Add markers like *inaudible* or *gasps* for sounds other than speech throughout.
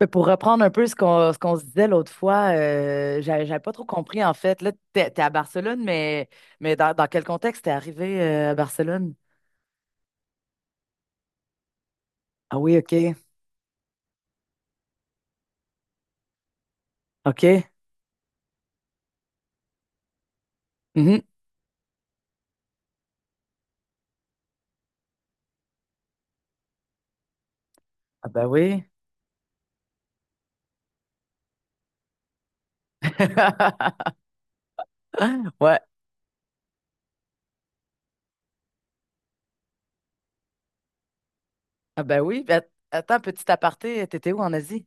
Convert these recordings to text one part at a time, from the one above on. Mais pour reprendre un peu ce qu'on se disait l'autre fois, j'avais pas trop compris en fait. Là, t'es à Barcelone, mais dans quel contexte t'es arrivé à Barcelone? Ah oui, OK. OK. Mhm. Ah ben oui. *laughs* Ouais. Ah ben oui. Ben, attends, petit aparté, t'étais où en Asie?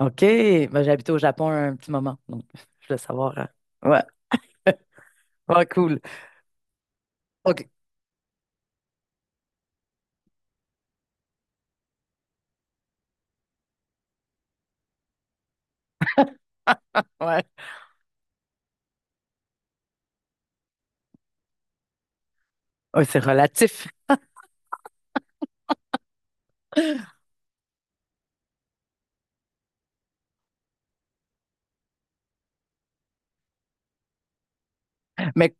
OK. Ben, j'ai habité au Japon un petit moment, donc *laughs* je voulais savoir. Ouais. Ouais, cool. OK. Ouais. Ouais, c'est relatif. Mais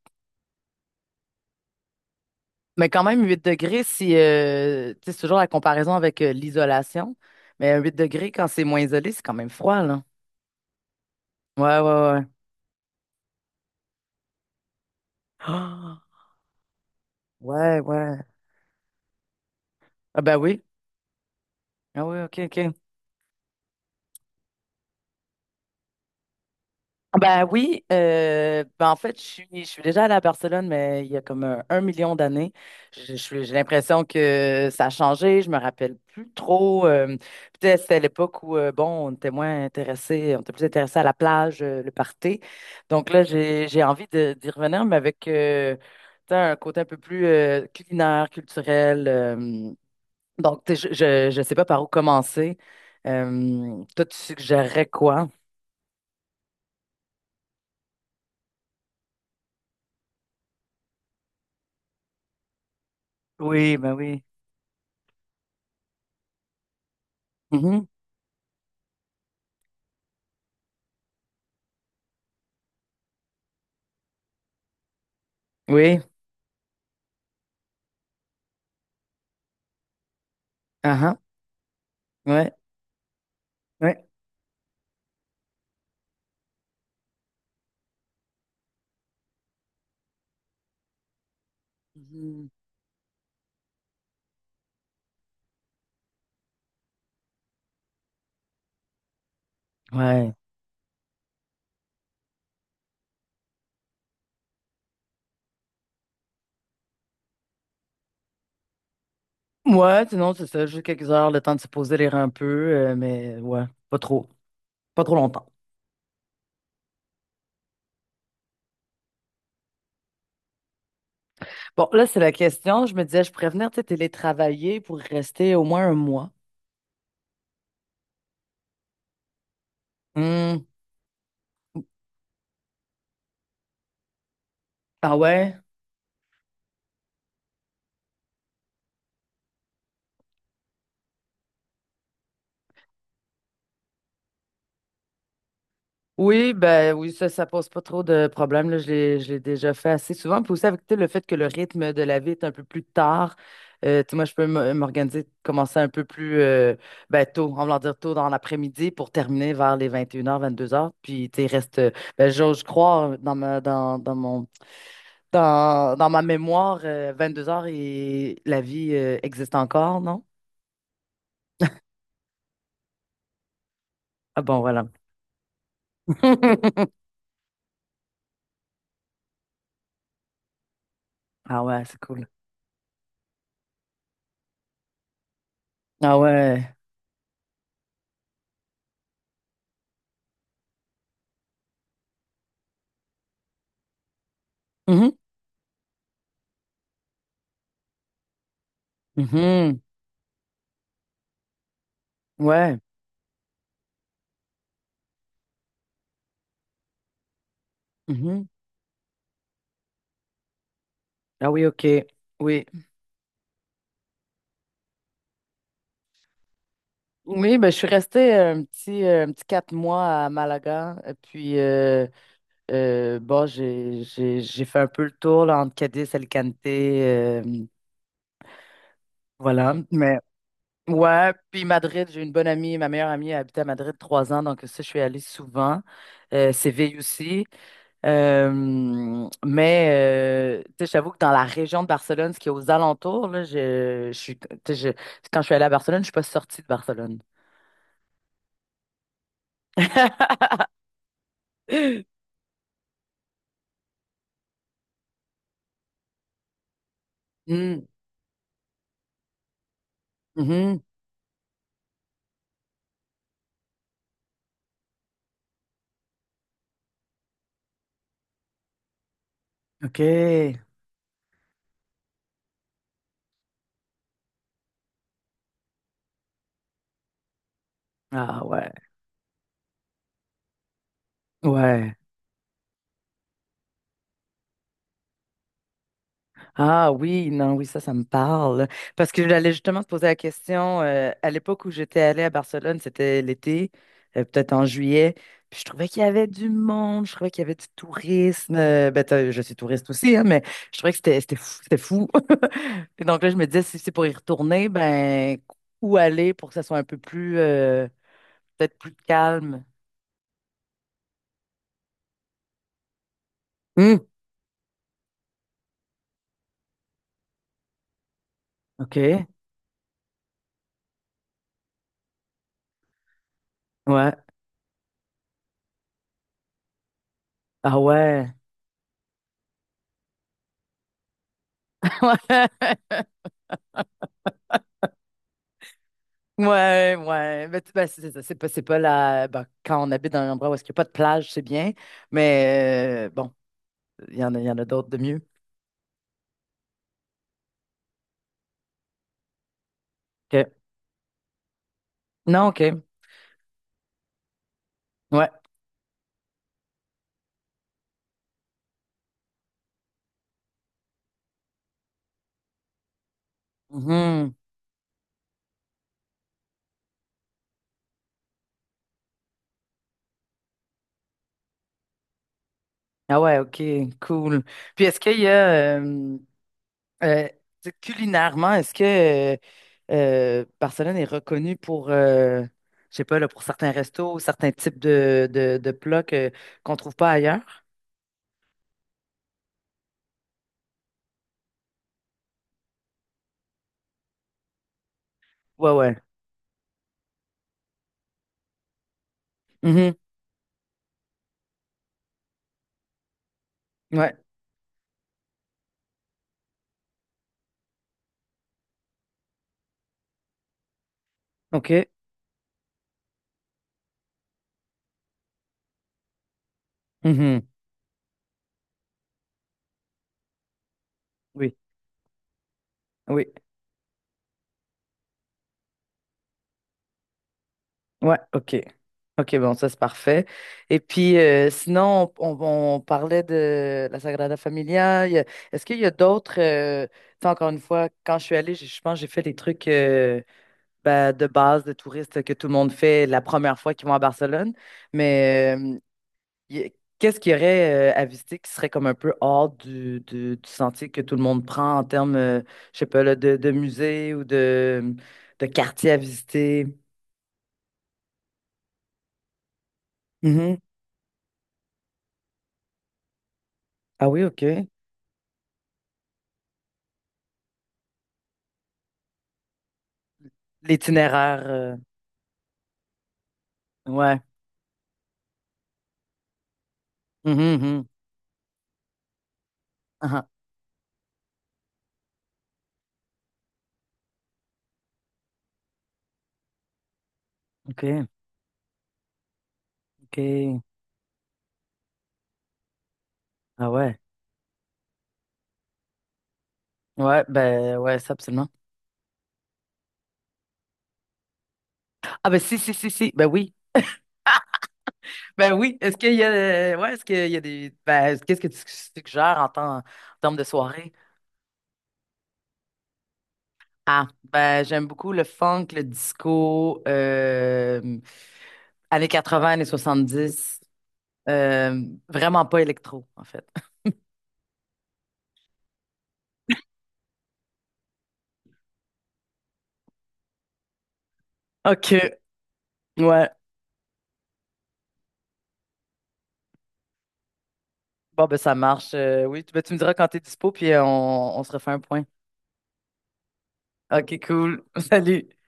Mais quand même, 8 degrés, si, tu sais, c'est toujours la comparaison avec l'isolation. Mais un 8 degrés, quand c'est moins isolé, c'est quand même froid, là. Ouais, ouais, ouais. *gasps* Ah, ouais, ouais. Ah, ben oui. Ah oui, OK, OK. Ben oui, ben en fait, je suis déjà allée à Barcelone, mais il y a comme un million d'années. J'ai l'impression que ça a changé, je me rappelle plus trop. Peut-être c'était à l'époque où, bon, on était moins intéressés, on était plus intéressés à la plage, le party. Donc là, j'ai envie d'y revenir, mais avec tu sais, un côté un peu plus culinaire, culturel. Donc, tu sais, je sais pas par où commencer. Toi, tu suggérerais quoi? Oui, ben oui. Oui, ah ah, ouais, ouais. Mhm. Ouais. Ouais, sinon, c'est ça, juste quelques heures, le temps de se poser les reins un peu, mais ouais, pas trop longtemps. Bon, là, c'est la question. Je me disais, je pourrais venir, tu sais, télétravailler pour rester au moins un mois. Hmm. Ah ouais? Oui, ben oui, ça pose pas trop de problèmes, là. Je l'ai déjà fait assez souvent. Puis aussi avec tu sais, le fait que le rythme de la vie est un peu plus tard. Tu sais, moi, je peux m'organiser, commencer un peu plus ben, tôt, on va leur dire tôt dans l'après-midi pour terminer vers les 21 h, 22 h. Puis tu sais, il reste, ben, j'ose croire dans ma dans, dans mon dans, dans ma mémoire, 2 heures et la vie existe encore, non? Ah bon, voilà. *laughs* Ah ouais, c'est cool. Ah ouais. Mhm, mhm, Ouais. Mhm. Ah oui, OK. Oui. Oui, ben, je suis restée un petit 4 mois à Malaga. Et puis, bon, j'ai fait un peu le tour là, entre Cadiz, Alicante. Voilà. Mais ouais, puis Madrid, j'ai une bonne amie. Ma meilleure amie a habité à Madrid 3 ans. Donc, ça, je suis allée souvent. Séville aussi. Mais tu sais, j'avoue que dans la région de Barcelone, ce qui est aux alentours, là, je suis, tu sais, quand je suis allée à Barcelone, je suis pas sortie de Barcelone. *laughs* Hmm, mhm, OK. Ah ouais, ouais. Ah oui, non, oui, ça me parle. Parce que j'allais justement te poser la question, à l'époque où j'étais allée à Barcelone, c'était l'été, peut-être en juillet, puis je trouvais qu'il y avait du monde, je trouvais qu'il y avait du tourisme. Ben, je suis touriste aussi, hein, mais je trouvais que c'était fou. C'était fou. *laughs* Et donc là, je me disais, si c'est pour y retourner, ben, où aller pour que ça soit un peu plus, peut-être plus calme? Hmm, OK, ouais. Ah ouais. Ouais, *laughs* ouais, ouais. Mais ben, c'est ça. C'est pas la. Ben, quand on habite dans un endroit où est-ce qu'il n'y a pas de plage, c'est bien. Mais bon, il y en a d'autres de mieux. OK. Non, OK. Ouais. Mhm. Ah ouais, OK. Cool. Puis est-ce qu'il y a. Euh, tu sais, culinairement, est-ce que Barcelone est reconnue pour. Je sais pas, là, pour certains restos, certains types de plats qu'on trouve pas ailleurs? Ouais, ouais. Mhm. Ouais. OK. Mhm. Oui, oui, ouais, ok. Ok, bon, ça c'est parfait. Et puis, sinon, on parlait de la Sagrada Familia. Est-ce qu'il y a d'autres... tu sais, encore une fois, quand je suis allée, je pense que j'ai fait les trucs ben, de base de touristes que tout le monde fait la première fois qu'ils vont à Barcelone. Mais il y a- qu'est-ce qu'il y aurait à visiter qui serait comme un peu hors du sentier que tout le monde prend en termes, je sais pas, là, de musée ou de quartier à visiter? Mm-hmm. Ah oui, OK. L'itinéraire. Ouais. Mhm, mhm. Ah, ah. OK, OK. Ah ouais. Ouais, ben ouais, ça absolument. Ah ben si, si, si, si. Ben oui. Ben oui. Est-ce qu'il y a ouais, est-ce qu'il y a des. Ben, qu'est-ce que tu suggères en en termes de soirée? Ah, ben j'aime beaucoup le funk, le disco, années 20, années 70. euh, vraiment pas électro, en fait. *laughs* OK. Ouais, bon, ben ça marche. Oui, ben, tu me diras quand t'es dispo, puis on se refait un point. Ok, cool. *laughs* Salut.